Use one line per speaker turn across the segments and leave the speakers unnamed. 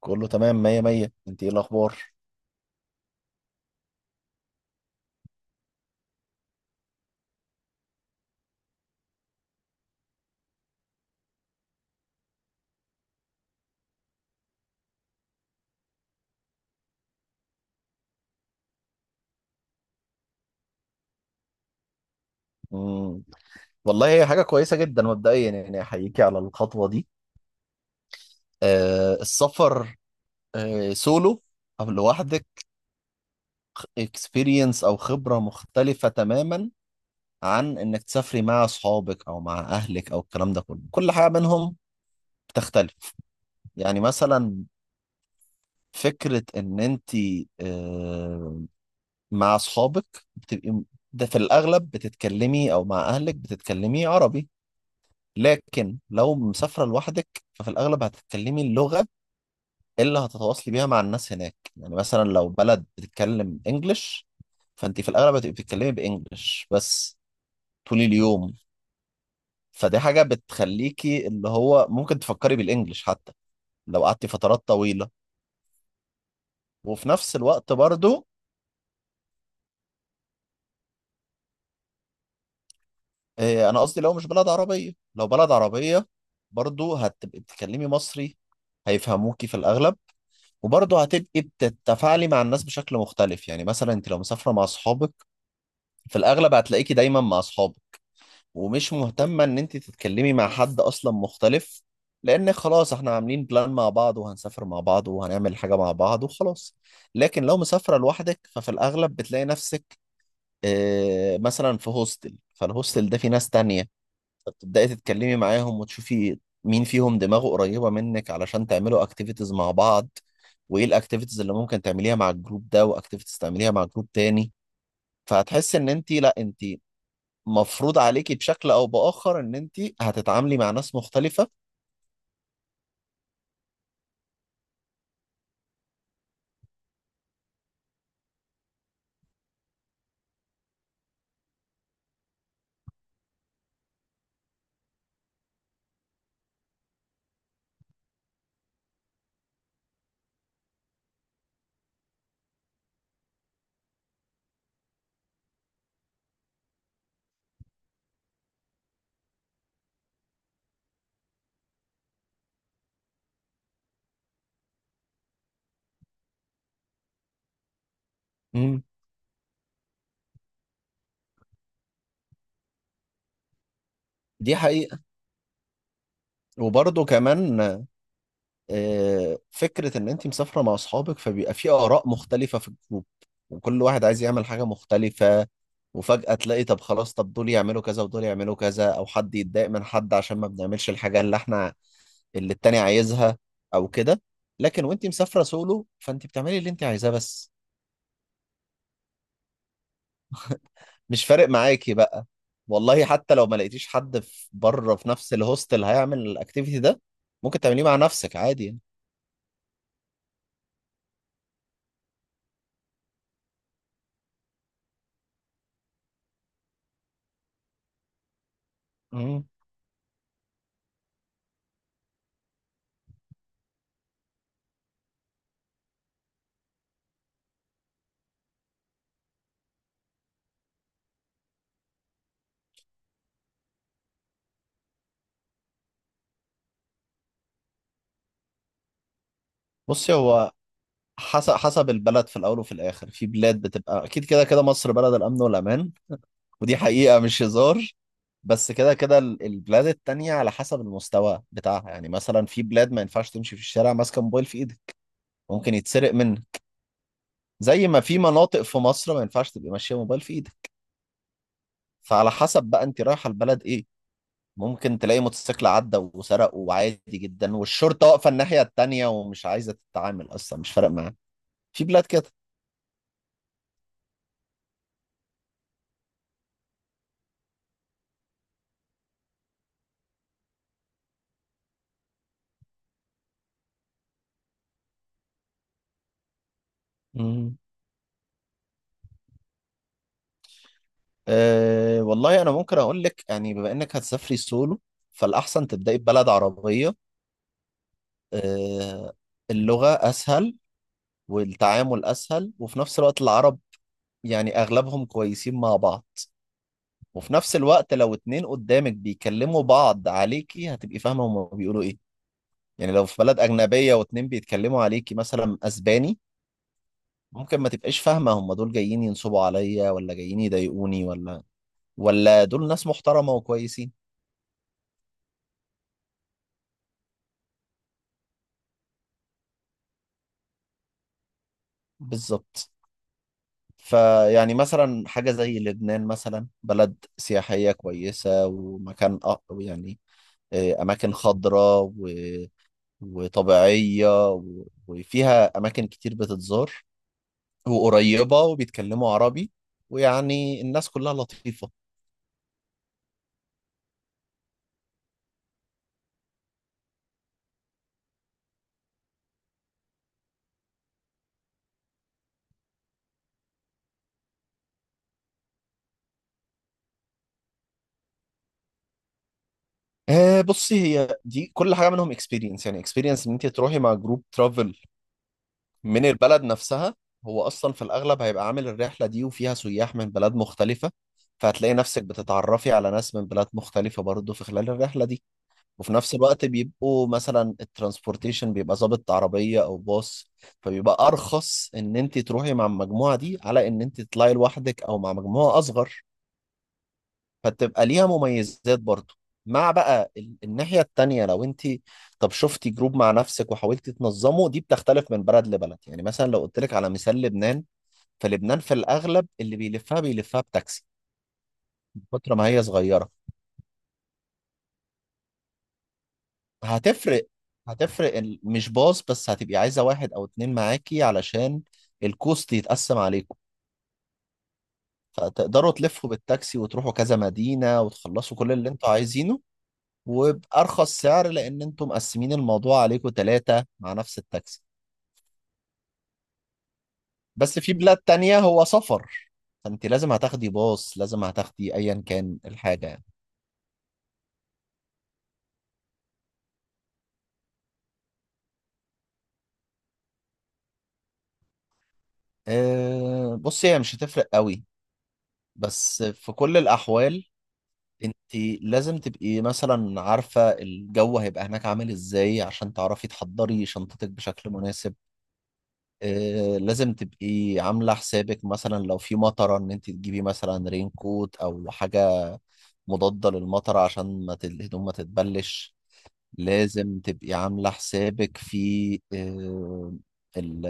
كله تمام مية مية، انت ايه الاخبار؟ مم. والله هي حاجة كويسة جدا، مبدئيا يعني احييكي على الخطوة دي. السفر، سولو او لوحدك، اكسبيرينس او خبرة مختلفة تماما عن انك تسافري مع اصحابك او مع اهلك او الكلام ده كله. كل حاجة منهم بتختلف. يعني مثلا فكرة ان انت آه مع اصحابك بتبقي، ده في الاغلب بتتكلمي، او مع اهلك بتتكلمي عربي. لكن لو مسافرة لوحدك ففي الأغلب هتتكلمي اللغة اللي هتتواصلي بيها مع الناس هناك. يعني مثلا لو بلد بتتكلم إنجلش فأنت في الأغلب هتبقي بتتكلمي بإنجلش بس طول اليوم. فدي حاجة بتخليكي اللي هو ممكن تفكري بالإنجلش حتى لو قعدتي فترات طويلة. وفي نفس الوقت برضو، أنا قصدي لو مش بلد عربية، لو بلد عربية برضو هتبقي بتتكلمي مصري هيفهموكي في الأغلب. وبرضه هتبقي بتتفاعلي مع الناس بشكل مختلف. يعني مثلا انت لو مسافره مع اصحابك في الاغلب هتلاقيكي دايما مع اصحابك ومش مهتمه ان انت تتكلمي مع حد اصلا مختلف، لان خلاص احنا عاملين بلان مع بعض وهنسافر مع بعض وهنعمل حاجه مع بعض وخلاص. لكن لو مسافره لوحدك ففي الاغلب بتلاقي نفسك، اه مثلا في هوستل، فالهوستل ده فيه ناس تانية، فبتبدأي تتكلمي معاهم وتشوفي مين فيهم دماغه قريبة منك علشان تعملوا اكتيفيتيز مع بعض. وايه الاكتيفيتيز اللي ممكن تعمليها مع الجروب ده، واكتيفيتيز تعمليها مع جروب تاني. فهتحس ان انت، لا انت مفروض عليكي بشكل او باخر ان انت هتتعاملي مع ناس مختلفة. مم. دي حقيقة. وبرضه كمان فكرة إن أنت مسافرة مع أصحابك فبيبقى في آراء مختلفة في الجروب وكل واحد عايز يعمل حاجة مختلفة. وفجأة تلاقي، طب خلاص، طب دول يعملوا كذا ودول يعملوا كذا، أو حد يتضايق من حد عشان ما بنعملش الحاجة اللي إحنا، اللي التاني عايزها، أو كده. لكن وأنت مسافرة سولو فأنت بتعملي اللي أنت عايزاه بس. مش فارق معاكي بقى. والله حتى لو ما لقيتيش حد في بره في نفس الهوستل هيعمل الأكتيفيتي ده، ممكن تعمليه مع نفسك عادي يعني. مم. بصي هو حسب البلد، في الاول وفي الاخر في بلاد بتبقى اكيد كده كده، مصر بلد الامن والامان، ودي حقيقه مش هزار. بس كده كده البلاد التانية على حسب المستوى بتاعها. يعني مثلا في بلاد ما ينفعش تمشي في الشارع ماسكه موبايل في ايدك، ممكن يتسرق منك، زي ما في مناطق في مصر ما ينفعش تبقى ماشيه موبايل في ايدك. فعلى حسب بقى انت رايحه البلد ايه. ممكن تلاقي موتوسيكل عدى وسرقه وعادي جدا والشرطه واقفه الناحيه التانية ومش عايزه تتعامل اصلا، مش فارق معاها. في بلاد كده. أه والله انا ممكن اقول لك، يعني بما انك هتسافري سولو فالاحسن تبداي ببلد عربيه. أه، اللغه اسهل والتعامل اسهل، وفي نفس الوقت العرب يعني اغلبهم كويسين مع بعض. وفي نفس الوقت لو اتنين قدامك بيكلموا بعض عليكي هتبقي فاهمه هما بيقولوا ايه. يعني لو في بلد اجنبيه واتنين بيتكلموا عليكي مثلا اسباني، ممكن ما تبقاش فاهمه هما دول جايين ينصبوا عليا، ولا جايين يضايقوني، ولا دول ناس محترمه وكويسين. بالظبط. فيعني مثلا حاجة زي لبنان مثلا، بلد سياحية كويسة ومكان يعني، أماكن خضراء وطبيعية وفيها أماكن كتير بتتزار وقريبة وبيتكلموا عربي، ويعني الناس كلها لطيفة. آه، بصي هي دي كل حاجة منهم اكسبيرينس. يعني اكسبيرينس ان انت تروحي مع جروب ترافل من البلد نفسها، هو اصلا في الاغلب هيبقى عامل الرحله دي وفيها سياح من بلاد مختلفه. فهتلاقي نفسك بتتعرفي على ناس من بلاد مختلفه برضه في خلال الرحله دي. وفي نفس الوقت بيبقوا مثلا الترانسبورتيشن بيبقى ظابط عربيه او باص، فبيبقى ارخص ان انت تروحي مع المجموعه دي على ان انت تطلعي لوحدك او مع مجموعه اصغر. فتبقى ليها مميزات برضو. مع بقى الناحية التانية لو انت، طب شفتي جروب مع نفسك وحاولتي تنظمه، دي بتختلف من بلد لبلد. يعني مثلا لو قلت لك على مثال لبنان، فلبنان في الأغلب اللي بيلفها بيلفها بتاكسي من كتر ما هي صغيرة. هتفرق، هتفرق مش باص بس، هتبقي عايزة واحد أو اتنين معاكي علشان الكوست يتقسم عليكم. فتقدروا تلفوا بالتاكسي وتروحوا كذا مدينة وتخلصوا كل اللي انتوا عايزينه، وبأرخص سعر لأن أنتم مقسمين الموضوع عليكم ثلاثة مع نفس التاكسي. بس في بلاد تانية هو سفر، فأنت لازم هتاخدي باص، لازم هتاخدي أيا كان الحاجة يعني. أه، بصي هي مش هتفرق قوي، بس في كل الأحوال أنت لازم تبقي مثلا عارفة الجو هيبقى هناك عامل إزاي عشان تعرفي تحضري شنطتك بشكل مناسب. أه لازم تبقي عاملة حسابك مثلا لو في مطرة، إن أنت تجيبي مثلا رين كوت أو حاجة مضادة للمطر عشان ما ت- الهدوم ما تتبلش. لازم تبقي عاملة حسابك في آه، ال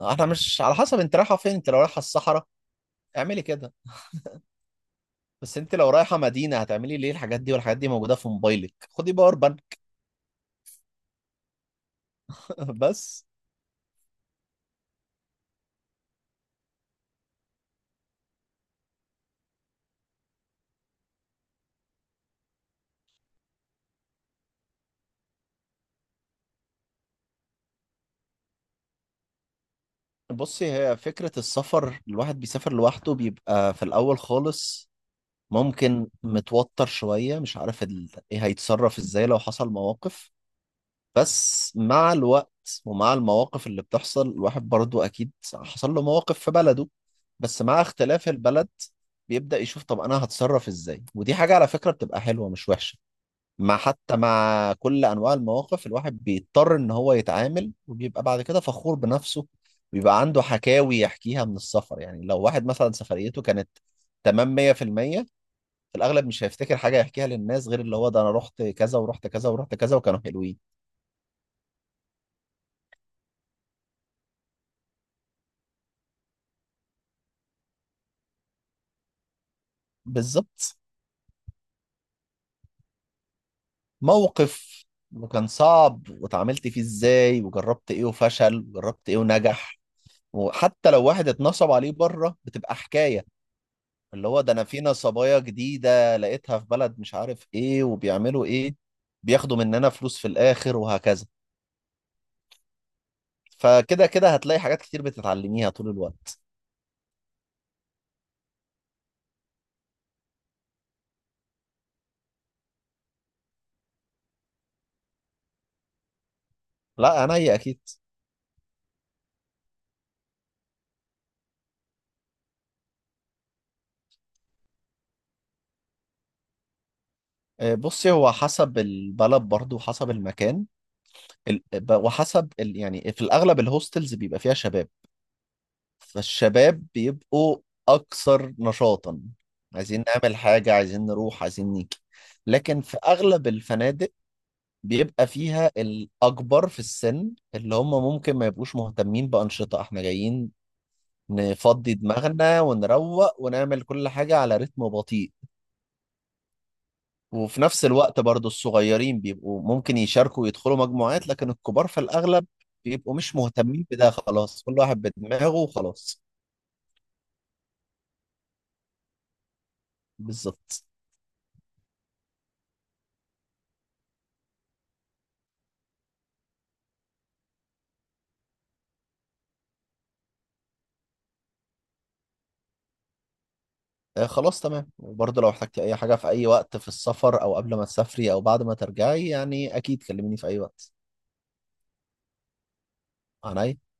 آه، احنا مش، على حسب انت رايحة فين. انت لو رايحة الصحراء اعملي كده، بس انت لو رايحة مدينة هتعملي ليه الحاجات دي؟ والحاجات دي موجودة في موبايلك، خدي باور بانك. بس بصي، هي فكرة السفر، الواحد بيسافر لوحده بيبقى في الأول خالص ممكن متوتر شوية، مش عارف ايه هيتصرف ازاي لو حصل مواقف. بس مع الوقت ومع المواقف اللي بتحصل الواحد برضو أكيد حصل له مواقف في بلده، بس مع اختلاف البلد بيبدأ يشوف طب أنا هتصرف إزاي. ودي حاجة على فكرة بتبقى حلوة مش وحشة. مع حتى مع كل أنواع المواقف الواحد بيضطر إن هو يتعامل، وبيبقى بعد كده فخور بنفسه. بيبقى عنده حكاوي يحكيها من السفر. يعني لو واحد مثلا سفريته كانت تمام 100% في المية، في الأغلب مش هيفتكر حاجة يحكيها للناس غير اللي هو ده أنا رحت كذا ورحت كذا ورحت كذا وكانوا حلوين. بالظبط. موقف كان صعب واتعاملت فيه ازاي، وجربت ايه وفشل وجربت ايه ونجح. وحتى لو واحد اتنصب عليه بره بتبقى حكاية، اللي هو ده انا في نصبايا جديدة لقيتها في بلد، مش عارف ايه وبيعملوا ايه، بياخدوا مننا فلوس في الاخر وهكذا. فكده كده هتلاقي حاجات كتير بتتعلميها طول الوقت. لا انا هي اكيد. آه، بصي هو حسب البلد برضو وحسب المكان وحسب يعني، في الاغلب الهوستلز بيبقى فيها شباب، فالشباب بيبقوا أكثر نشاطا، عايزين نعمل حاجة، عايزين نروح، عايزين نيجي. لكن في أغلب الفنادق بيبقى فيها الأكبر في السن اللي هم ممكن ما يبقوش مهتمين بأنشطة، احنا جايين نفضي دماغنا ونروق ونعمل كل حاجة على رتم بطيء. وفي نفس الوقت برضو الصغيرين بيبقوا ممكن يشاركوا ويدخلوا مجموعات، لكن الكبار في الأغلب بيبقوا مش مهتمين بده، خلاص كل واحد بدماغه وخلاص. بالظبط. آه، خلاص تمام. وبرضه لو احتجتي اي حاجة في اي وقت في السفر او قبل ما تسافري او بعد ما ترجعي يعني اكيد كلميني في اي وقت. عنيا.